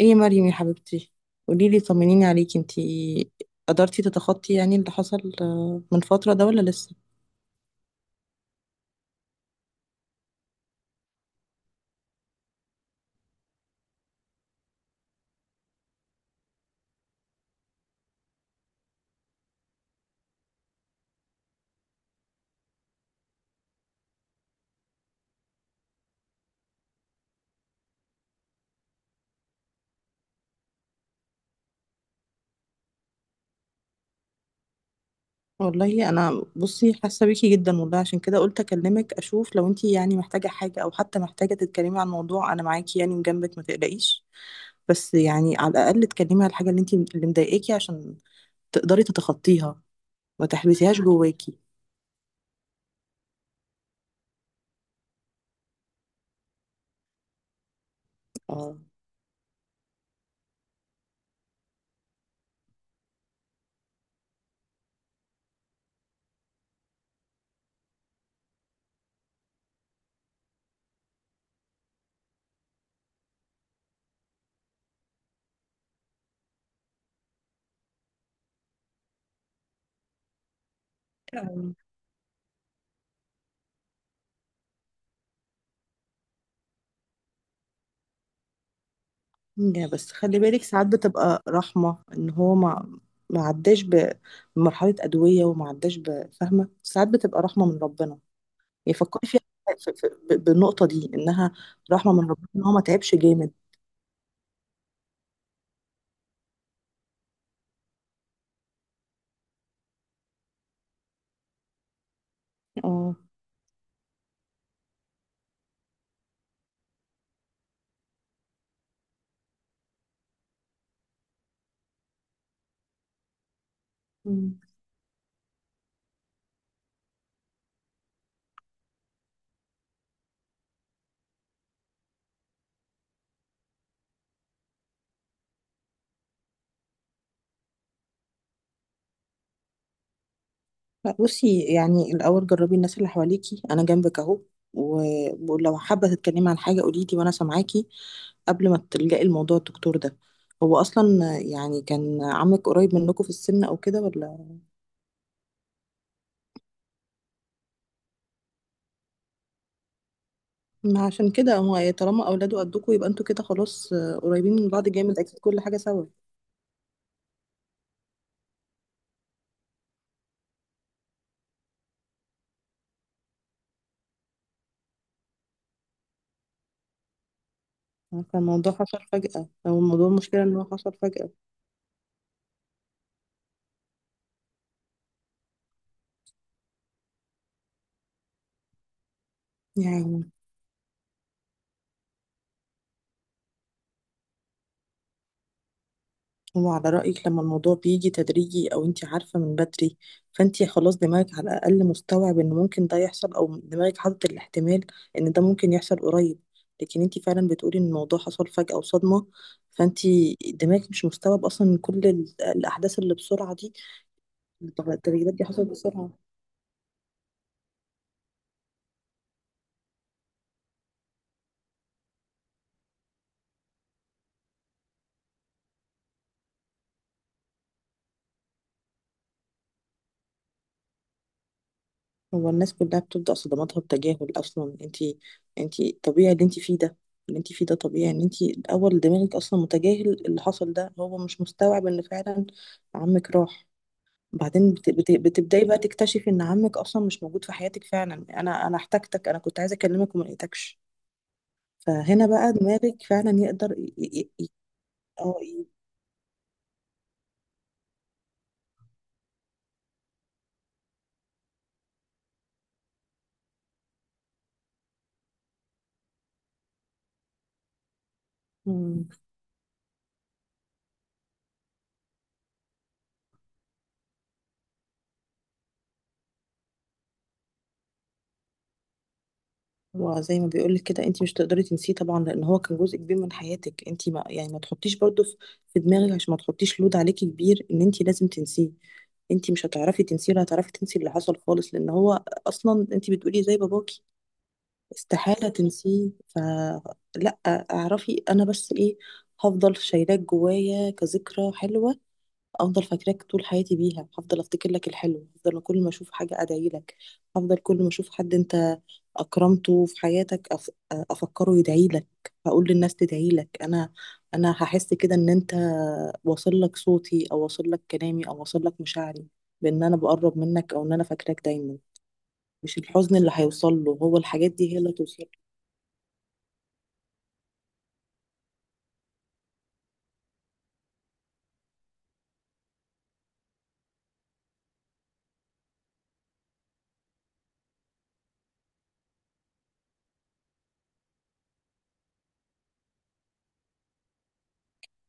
ايه يا مريم يا حبيبتي، قوليلي، طمنيني عليكي. انتي قدرتي تتخطي يعني اللي حصل من فترة ده ولا لسه؟ والله انا، بصي، حاسة بيكي جدا. والله عشان كده قلت اكلمك، اشوف لو انتي يعني محتاجة حاجة او حتى محتاجة تتكلمي عن موضوع. انا معاكي يعني وجنبك، ما تقلقيش. بس يعني على الاقل اتكلمي على الحاجة اللي انتي اللي مضايقاكي عشان تقدري تتخطيها، ما تحبسيهاش جواكي. اه. لا بس خلي بالك، ساعات بتبقى رحمة ان هو ما عداش بمرحلة أدوية وما عداش بفهمة. ساعات بتبقى رحمة من ربنا، يفكري فيها، بالنقطة دي انها رحمة من ربنا ان هو ما تعبش جامد. اه. مم. لا، بصي، يعني الأول جربي الناس اللي حواليكي، أنا جنبك أهو، ولو حابة تتكلمي عن حاجة قوليلي وأنا سامعاكي قبل ما تلجأي الموضوع الدكتور ده. هو أصلا يعني كان عمك قريب منكم في السن أو كده ولا؟ ما عشان كده هو طالما اولاده قدكوا يبقى انتوا كده خلاص، قريبين من بعض جامد اكيد، كل حاجه سوا. فالموضوع حصل فجاه، او الموضوع المشكله ان هو حصل فجاه يعني. هو على رايك لما الموضوع بيجي تدريجي او انت عارفه من بدري، فانت خلاص دماغك على الاقل مستوعب ان ممكن ده يحصل، او دماغك حاطط الاحتمال ان ده ممكن يحصل قريب. لكن انت فعلا بتقولي ان الموضوع حصل فجاه وصدمه، فانت دماغك مش مستوعب اصلا إن كل الاحداث اللي بسرعه دي، التغيرات دي حصلت بسرعه. هو الناس كلها بتبدأ صدماتها بتجاهل أصلا. انتي طبيعي اللي انتي فيه ده، اللي انتي فيه ده طبيعي. ان انتي الأول دماغك أصلا متجاهل اللي حصل ده، هو مش مستوعب ان فعلا عمك راح. بعدين بتبدأي بقى تكتشفي ان عمك أصلا مش موجود في حياتك فعلا. أنا احتجتك، أنا كنت عايزة أكلمك وما لقيتكش. فهنا بقى دماغك فعلا يقدر ي... ي... اه، مم. وزي ما بيقولك كده، انت مش تقدري تنسيه طبعا لان هو كان جزء كبير من حياتك. انت ما يعني ما تحطيش برضه في دماغك عشان ما تحطيش لود عليكي كبير ان انت لازم تنسيه. انت مش هتعرفي تنسيه ولا هتعرفي تنسي اللي حصل خالص لان هو اصلا انت بتقولي زي باباكي، استحالة تنسيه. فلا، اعرفي انا بس ايه، هفضل شايلاه جوايا كذكرى حلوة، افضل فاكراك طول حياتي بيها. هفضل افتكر لك الحلو، هفضل كل ما اشوف حاجه ادعي لك، هفضل كل ما اشوف حد انت اكرمته في حياتك افكره يدعي لك، هقول للناس تدعي لك. انا هحس كده ان انت واصل لك صوتي او واصل لك كلامي او واصل لك مشاعري، بان انا بقرب منك او ان انا فاكراك دايما. مش الحزن اللي هيوصل له، هو الحاجات دي هي اللي توصل.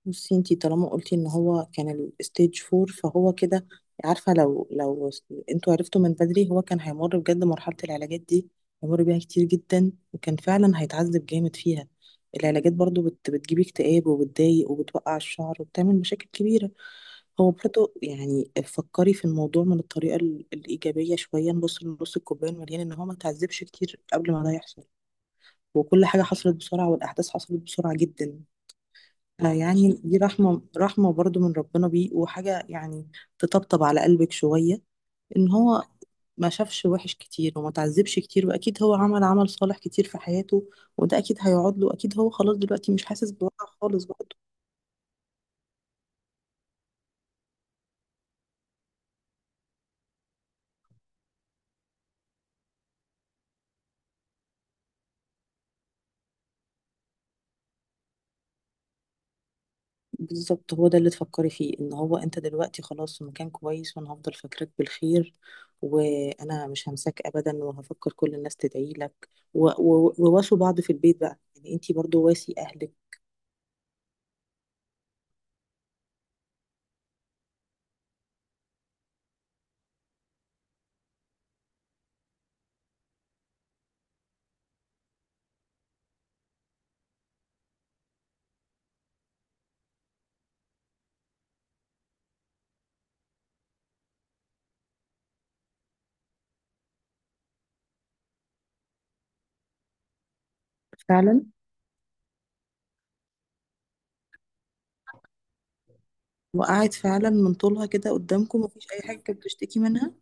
بصي انتي طالما قلتي ان هو كان الستيج فور، فهو كده. عارفة لو انتوا عرفتوا من بدري، هو كان هيمر بجد مرحلة العلاجات دي، هيمر بيها كتير جدا وكان فعلا هيتعذب جامد فيها. العلاجات برضو بتجيب اكتئاب وبتضايق وبتوقع الشعر وبتعمل مشاكل كبيرة. هو برضو يعني فكري في الموضوع من الطريقة الإيجابية شوية، نبص لنص الكوباية المليان ان هو ما تعذبش كتير قبل ما ده يحصل. وكل حاجة حصلت بسرعة والأحداث حصلت بسرعة جدا. يعني دي رحمة، رحمة برضو من ربنا بيه، وحاجة يعني تطبطب على قلبك شوية إن هو ما شافش وحش كتير وما تعذبش كتير. وأكيد هو عمل عمل صالح كتير في حياته، وده أكيد هيقعد له. أكيد هو خلاص دلوقتي مش حاسس بوجع خالص برضه. بالظبط، هو ده اللي تفكري فيه، إن هو أنت دلوقتي خلاص في مكان كويس وأنا هفضل فاكرك بالخير وأنا مش همساك أبدا وهفكر كل الناس تدعي لك، وواسوا بعض في البيت بقى، يعني أنت برضو واسي أهلك. فعلا، وقعت فعلا من طولها كده قدامكم؟ مفيش اي حاجه كانت بتشتكي منها؟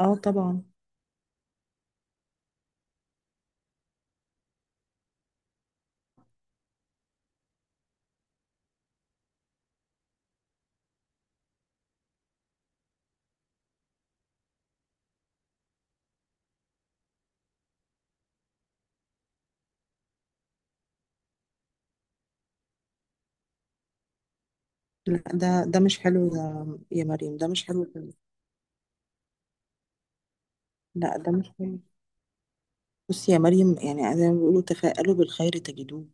اه طبعا. لا، ده مش حلو يا مريم، ده مش حلو خالص. لا ده مش حلو. بصي يا مريم، يعني زي ما بيقولوا تفاءلوا بالخير تجدوه.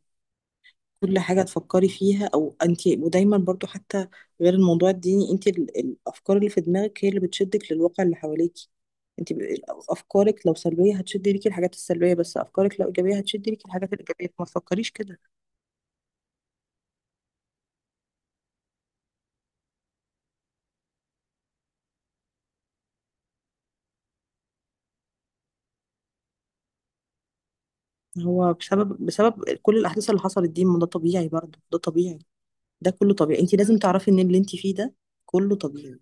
كل حاجه تفكري فيها او انت، ودايما برضو حتى غير الموضوع الديني، انت الافكار اللي في دماغك هي اللي بتشدك للواقع اللي حواليكي. انت افكارك لو سلبيه هتشد ليكي الحاجات السلبيه، بس افكارك لو ايجابيه هتشد ليكي الحاجات الايجابيه، ما تفكريش كده. هو بسبب كل الاحداث اللي حصلت دي، ما ده طبيعي برضه، ده طبيعي، ده كله طبيعي. انت لازم تعرفي ان اللي انت فيه ده كله طبيعي.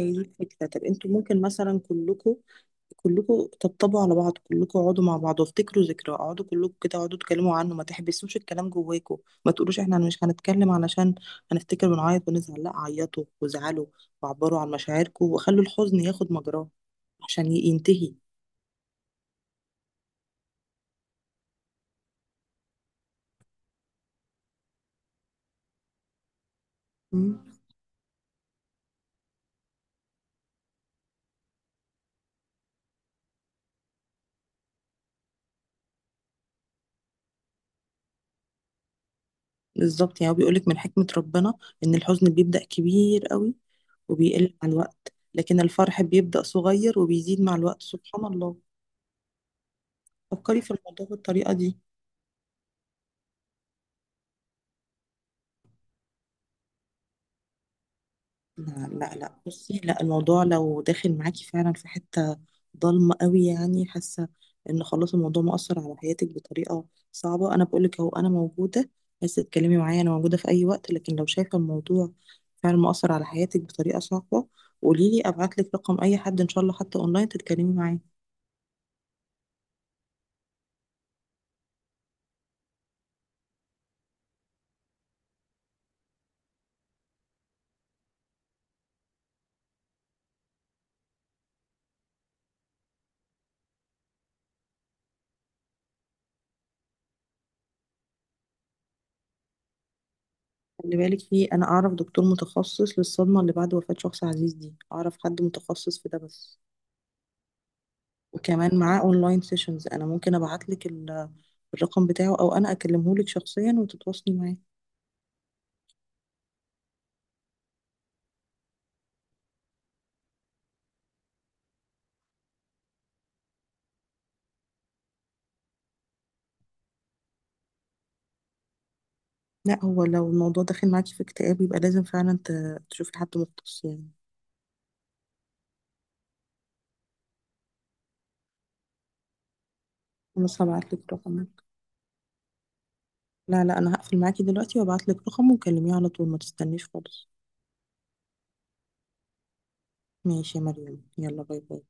هي دي الفكره. طب انتوا ممكن مثلا كلكم تطبطبوا على بعض، كلكم اقعدوا مع بعض وافتكروا ذكرى، اقعدوا كلكم كده، اقعدوا اتكلموا عنه. ما تحبسوش الكلام جواكم، ما تقولوش احنا مش هنتكلم علشان هنفتكر ونعيط ونزعل. لا، عيطوا وازعلوا وعبروا عن مشاعركم وخلوا الحزن ياخد مجراه عشان ينتهي. بالظبط، يعني هو بيقولك من حكمة ربنا إن الحزن بيبدأ كبير قوي وبيقل مع الوقت، لكن الفرح بيبدأ صغير وبيزيد مع الوقت سبحان الله. فكري في الموضوع بالطريقة دي. لا، لا، لا، بصي، لا الموضوع لو داخل معاكي فعلا في حتة ضلمة قوي، يعني حاسة إن خلاص الموضوع مؤثر على حياتك بطريقة صعبة، أنا بقولك أهو أنا موجودة، عايزة تتكلمي معايا أنا موجودة في أي وقت. لكن لو شايفة الموضوع فعلا مؤثر على حياتك بطريقة صعبة، قوليلي أبعتلك رقم أي حد إن شاء الله حتى أونلاين تتكلمي معاه. خلي بالك، في انا اعرف دكتور متخصص للصدمه اللي بعد وفاه شخص عزيز دي، اعرف حد متخصص في ده، بس وكمان معاه اونلاين سيشنز. انا ممكن ابعت لك الرقم بتاعه او انا اكلمه لك شخصيا وتتواصلي معاه. لا هو لو الموضوع داخل معاكي في اكتئاب يبقى لازم فعلا تشوفي حد مختص يعني. أنا بس هبعت لك رقمك. لا، لا انا هقفل معاكي دلوقتي وابعت لك رقمه وكلميه على طول ما تستنيش خالص. ماشي يا مريم، يلا، باي باي.